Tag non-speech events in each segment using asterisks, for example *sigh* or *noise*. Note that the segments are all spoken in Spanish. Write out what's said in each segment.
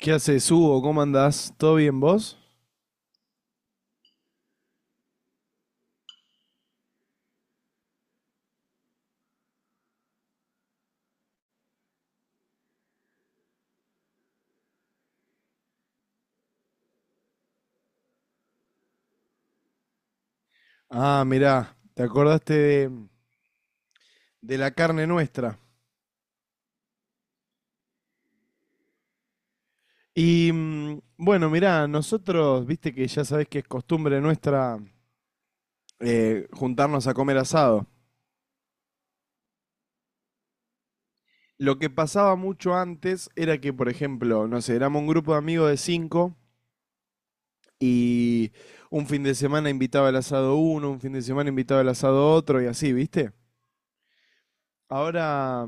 ¿Qué haces, Hugo? ¿Cómo andás? ¿Todo bien vos? Ah, mirá, te acordaste de la carne nuestra. Bueno, mirá, nosotros, viste que ya sabés que es costumbre nuestra juntarnos a comer asado. Lo que pasaba mucho antes era que, por ejemplo, no sé, éramos un grupo de amigos de cinco y un fin de semana invitaba el asado uno, un fin de semana invitaba el asado otro y así, ¿viste? Ahora,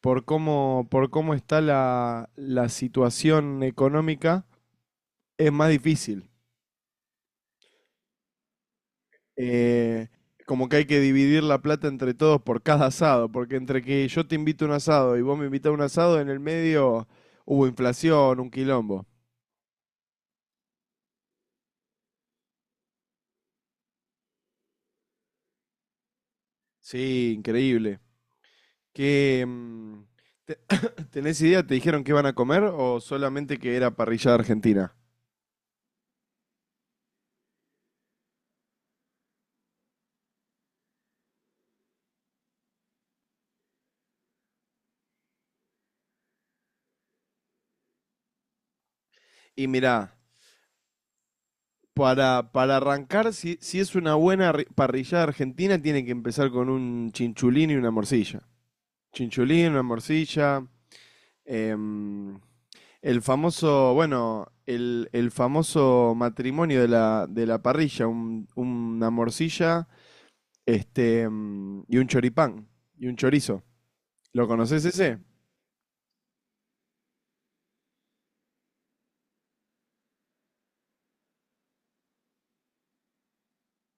por cómo está la situación económica, es más difícil. Eh, Como que hay que dividir la plata entre todos por cada asado, porque entre que yo te invito a un asado y vos me invitás a un asado, en el medio hubo inflación, un quilombo. Sí, increíble. ¿Qué, mm, te- *clears throat* ¿Tenés idea? ¿Te dijeron que van a comer o solamente que era parrillada argentina? Y mirá, para arrancar, si es una parrillada argentina, tiene que empezar con un chinchulín y una morcilla. Chinchulín, una morcilla. em, el famoso, bueno, el famoso matrimonio de de la parrilla, una morcilla y un choripán, y un chorizo. ¿Lo conoces ese?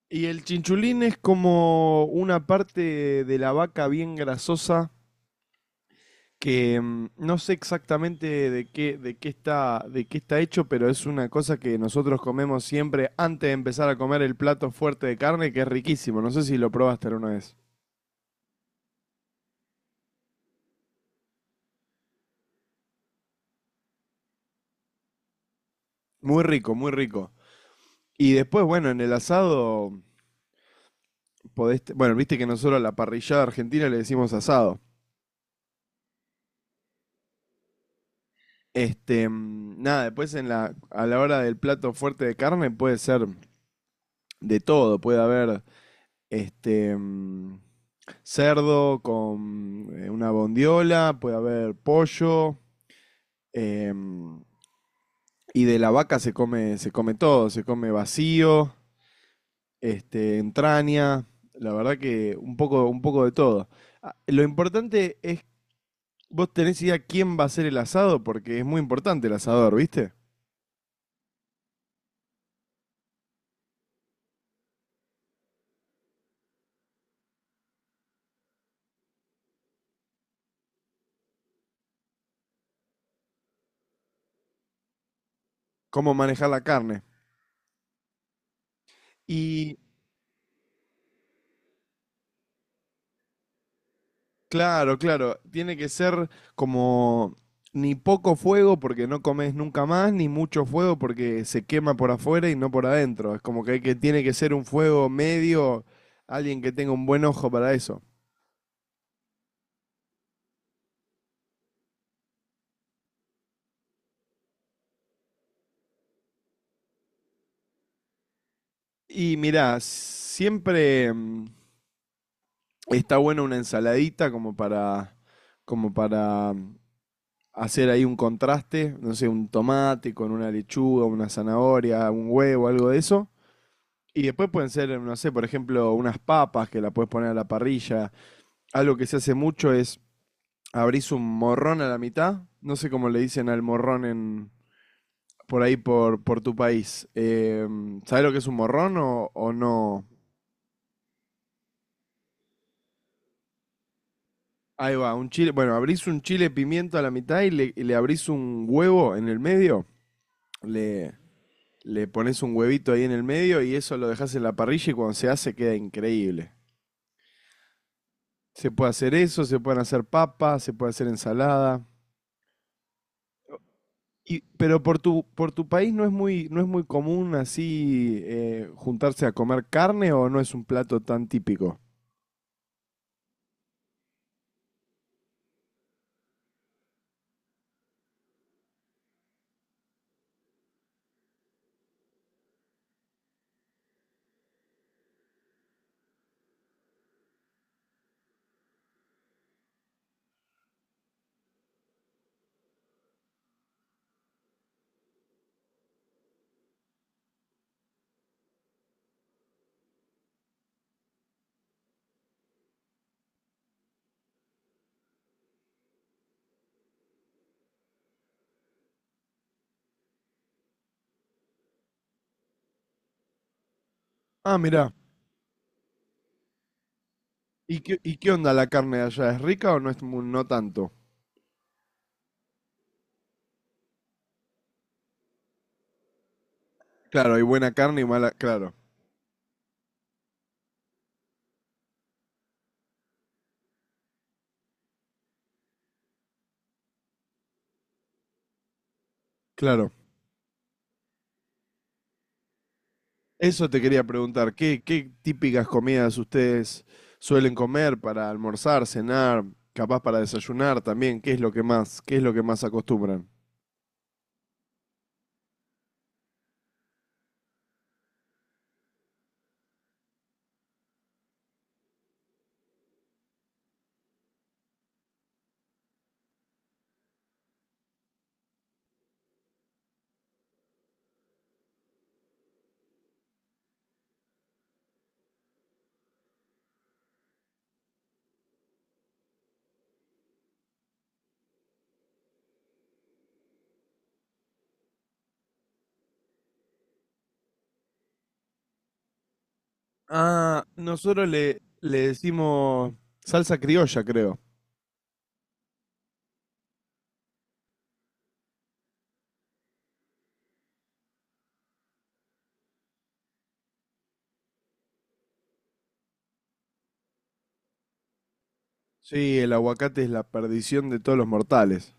Y el chinchulín es como una parte de la vaca bien grasosa que no sé exactamente de qué, de qué está hecho, pero es una cosa que nosotros comemos siempre antes de empezar a comer el plato fuerte de carne, que es riquísimo. No sé si lo probaste alguna vez. Muy rico, muy rico. Y después, bueno, en el asado bueno, viste que nosotros a la parrillada argentina le decimos asado. Nada, después en a la hora del plato fuerte de carne puede ser de todo, puede haber este mm, cerdo con una bondiola, puede haber pollo, em, y de la vaca se come todo, se come vacío, este, entraña, la verdad que un poco de todo. Ah, lo importante es, vos tenés idea quién va a hacer el asado, porque es muy importante el asador, ¿viste? Cómo manejar la carne. Y claro, claro. Tiene que ser como ni poco fuego porque no comes nunca más, ni mucho fuego porque se quema por afuera y no por adentro. Es como que, hay que tiene que ser un fuego medio, alguien que tenga un buen ojo para eso. Y mirá, siempre está buena una ensaladita como para hacer ahí un contraste, no sé, un tomate con una lechuga, una zanahoria, un huevo, algo de eso. Y después pueden ser, no sé, por ejemplo, unas papas que la puedes poner a la parrilla. Algo que se hace mucho es abrís un morrón a la mitad. No sé cómo le dicen al morrón en por tu país. ¿Sabés lo que es un morrón o no? Ahí va, un chile. Bueno, abrís un chile pimiento a la mitad y le abrís un huevo en el medio. Le, Le pones un huevito ahí en el medio y eso lo dejas en la parrilla y cuando se hace queda increíble. Se puede hacer eso, se pueden hacer papas, se puede hacer ensalada. Y, pero por tu país no es muy común así juntarse a comer carne o no es un plato tan típico. Ah, mirá. ¿Y qué onda la carne de allá? ¿Es rica o no tanto? Claro, hay buena carne y mala. Claro, claro. Eso te quería preguntar. ¿Qué, qué típicas comidas ustedes suelen comer para almorzar, cenar, capaz para desayunar también? ¿Qué es lo que más, qué es lo que más acostumbran? Ah, nosotros le decimos salsa criolla, creo. Sí, el aguacate es la perdición de todos los mortales.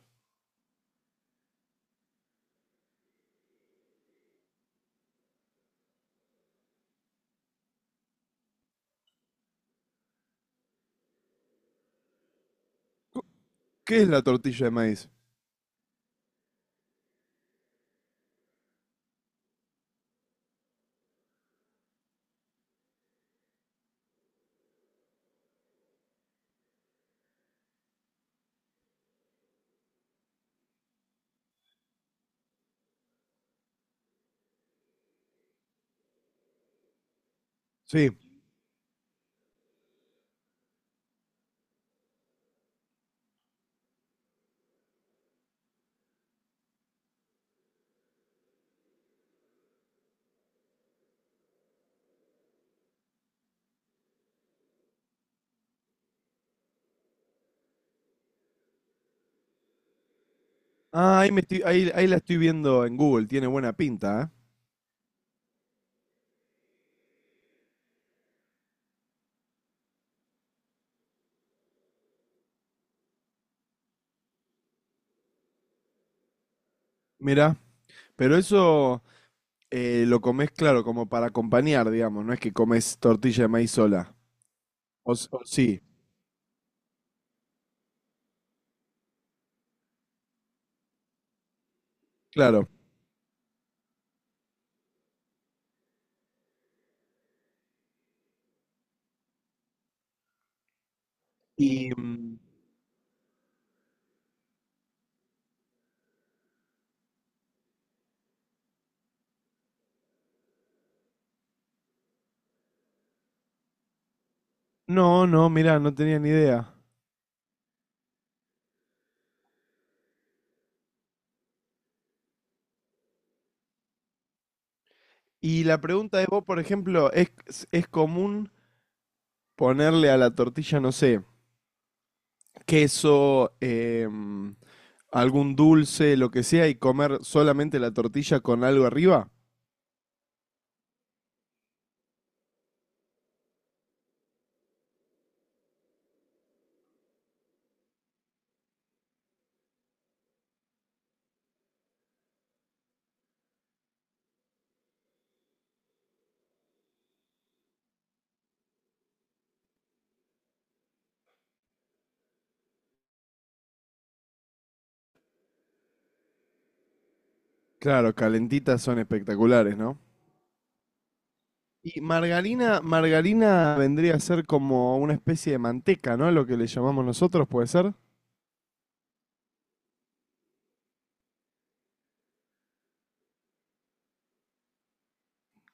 ¿Qué es la tortilla de maíz? Sí. Ah, ahí la estoy viendo en Google, tiene buena pinta, ¿eh? Mirá. Pero eso lo comes, claro, como para acompañar, digamos, no es que comes tortilla de maíz sola. O sí, claro. Y mm, no, mirá, no tenía ni idea. Y la pregunta de vos, por ejemplo, es común ponerle a la tortilla, no sé, queso, algún dulce, lo que sea, y comer solamente la tortilla con algo arriba? Claro, calentitas son espectaculares, ¿no? Y margarina, margarina vendría a ser como una especie de manteca, ¿no? Lo que le llamamos nosotros, ¿puede ser?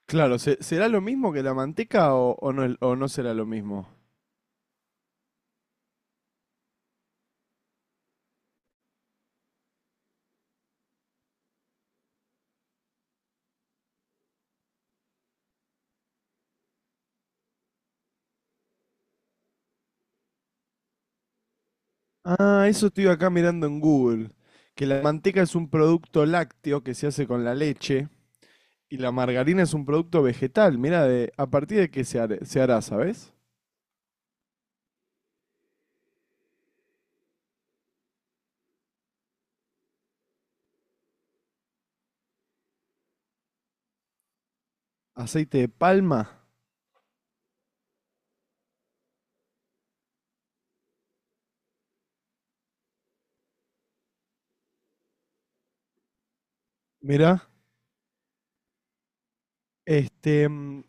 Claro, ¿será lo mismo que la manteca o no será lo mismo? Ah, eso estoy acá mirando en Google, que la manteca es un producto lácteo que se hace con la leche. Y la margarina es un producto vegetal. Mirá, de, ¿a partir de qué se hará, sabes? Aceite de palma. Mirá. Este, mm,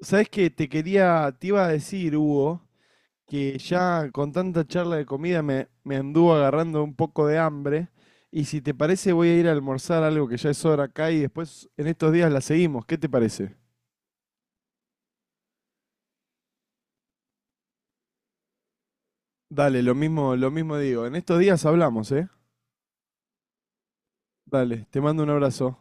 ¿Sabes qué? Te quería, te iba a decir, Hugo, que ya con tanta charla de comida me anduvo agarrando un poco de hambre. Y si te parece, voy a ir a almorzar algo que ya es hora acá y después en estos días la seguimos. ¿Qué te parece? Dale, lo mismo digo. En estos días hablamos, ¿eh? Dale, te mando un abrazo.